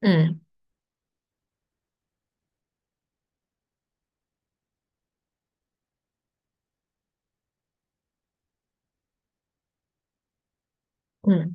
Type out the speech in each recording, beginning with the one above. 嗯嗯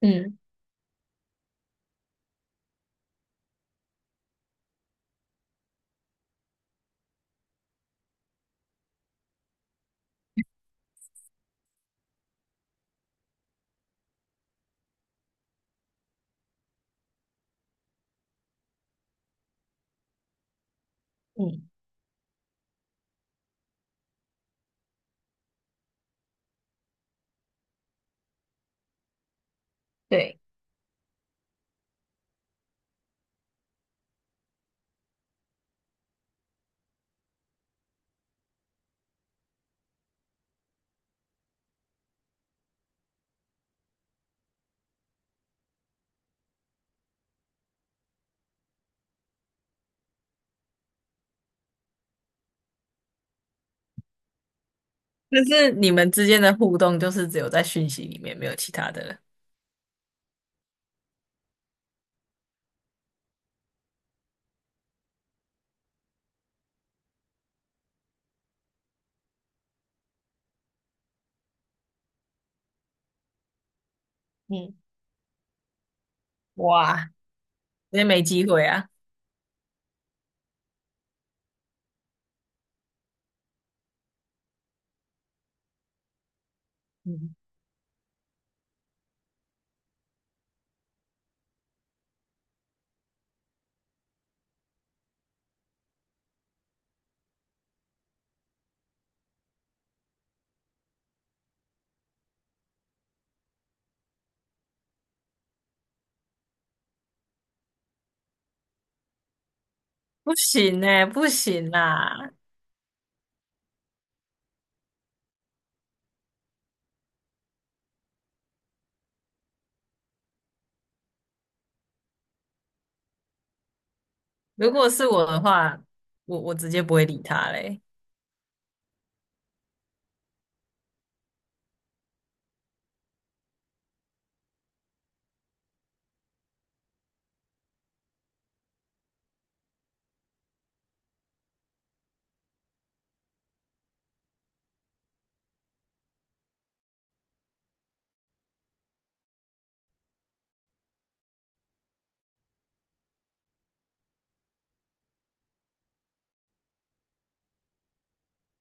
嗯嗯，对，但是你们之间的互动就是只有在讯息里面，没有其他的了。嗯。哇，那没机会啊！嗯，不行呢、不行啦！如果是我的话，我直接不会理他嘞。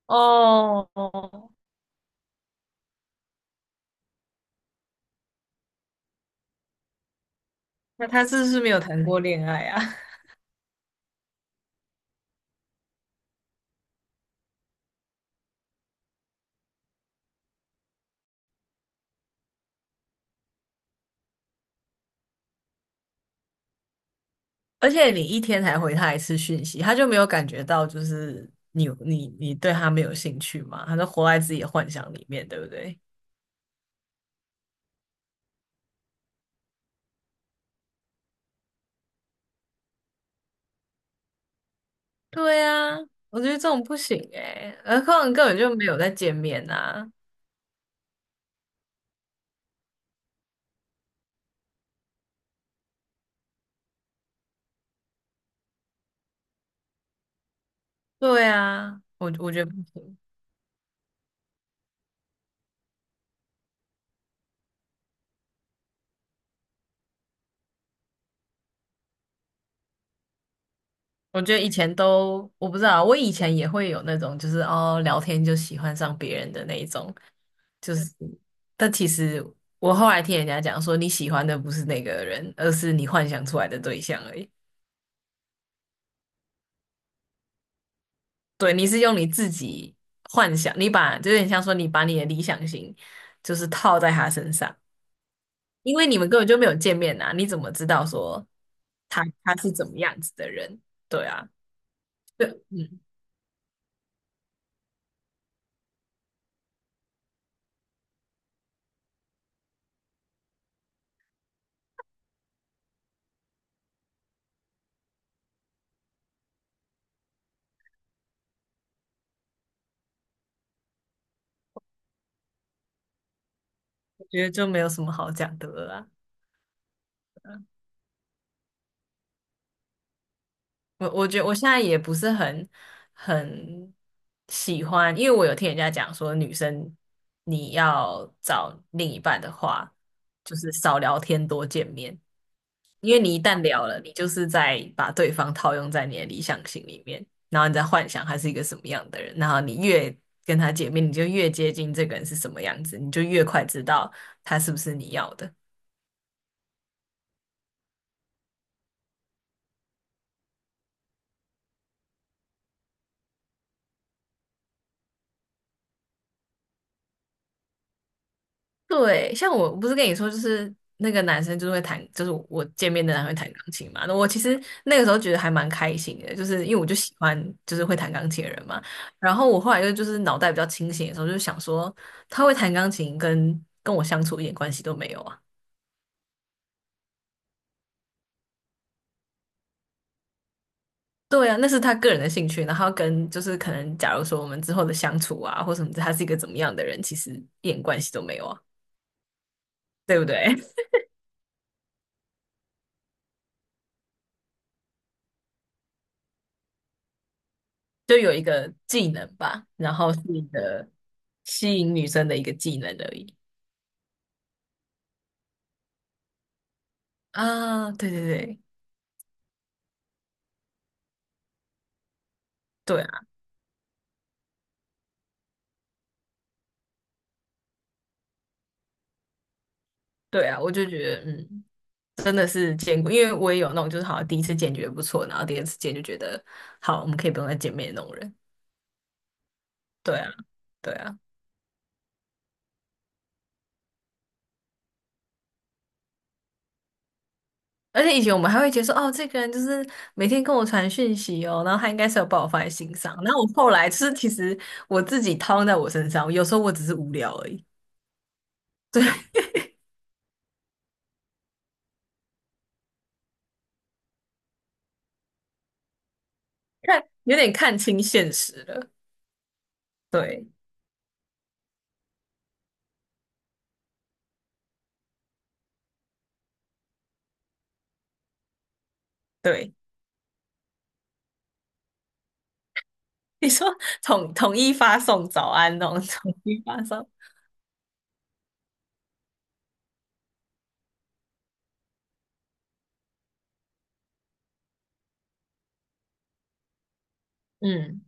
哦哦，那他是不是没有谈过恋爱啊？而且你一天才回他一次讯息，他就没有感觉到就是你对他没有兴趣嘛？他就活在自己的幻想里面，对不对？对呀，我觉得这种不行诶，何况根本就没有在见面呐、对啊，我觉得不行。我觉得以前都我不知道，我以前也会有那种就是哦聊天就喜欢上别人的那一种，就是，但其实我后来听人家讲说，你喜欢的不是那个人，而是你幻想出来的对象而已。对，你是用你自己幻想，你把就有点像说你把你的理想型就是套在他身上。因为你们根本就没有见面啊，你怎么知道说他是怎么样子的人。对啊，嗯，我觉得就没有什么好讲的了啦。我觉得我现在也不是很很喜欢，因为我有听人家讲说，女生你要找另一半的话，就是少聊天，多见面。因为你一旦聊了，你就是在把对方套用在你的理想型里面，然后你在幻想他是一个什么样的人，然后你越跟他见面，你就越接近这个人是什么样子，你就越快知道他是不是你要的。对，像我不是跟你说，就是那个男生就是会弹，就是我见面的男生会弹钢琴嘛。那我其实那个时候觉得还蛮开心的，就是因为我就喜欢就是会弹钢琴的人嘛。然后我后来又就是脑袋比较清醒的时候，就想说他会弹钢琴跟我相处一点关系都没有啊。对啊，那是他个人的兴趣，然后跟就是可能假如说我们之后的相处啊，或什么，他是一个怎么样的人，其实一点关系都没有啊，对不对？就有一个技能吧，然后是一个吸引女生的一个技能而已。啊，对对对，对啊，对啊，我就觉得，嗯，真的是见过，因为我也有那种，就是好像第一次见觉得不错，然后第二次见就觉得好，我们可以不用再见面的那种人。对啊，对啊，而且以前我们还会觉得说，哦，这个人就是每天跟我传讯息哦，然后他应该是有把我放在心上。然后我后来就是其实我自己套用在我身上，有时候我只是无聊而已，看有点看清现实了。对。对，你说统统一发送早安那种，统一发送，嗯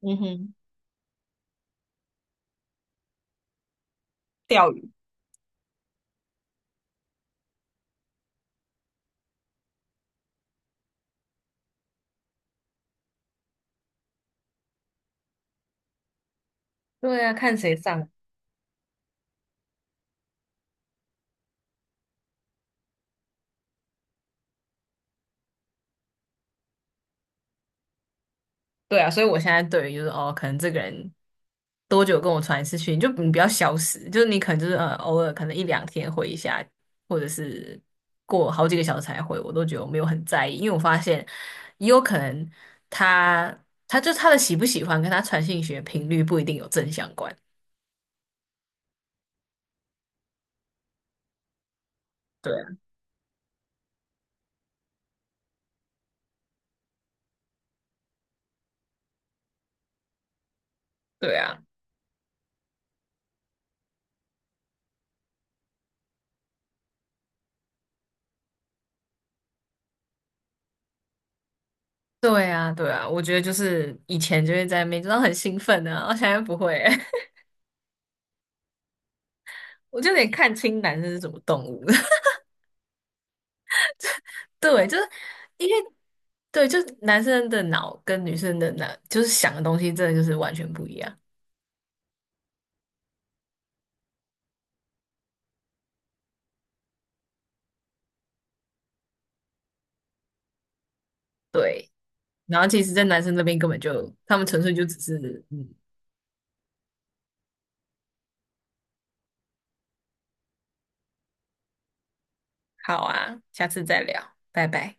嗯哼，钓鱼，对啊，看谁上，对啊，所以我现在对于就是哦，可能这个人多久跟我传一次讯，就你不要消失，就是你可能就是偶尔可能一两天回一下，或者是过好几个小时才回，我都觉得我没有很在意，因为我发现也有可能他他的喜不喜欢跟他传讯息的频率不一定有正相关，对啊，对啊。对啊，对啊，我觉得就是以前就会在那边，就是很兴奋啊，我现在不会欸，我就有点看清男生是什么动物的。对，就是因为对，就是男生的脑跟女生的脑，就是想的东西真的就是完全不一样。对，然后其实，在男生那边根本就，他们纯粹就只是嗯，好啊，下次再聊，拜拜。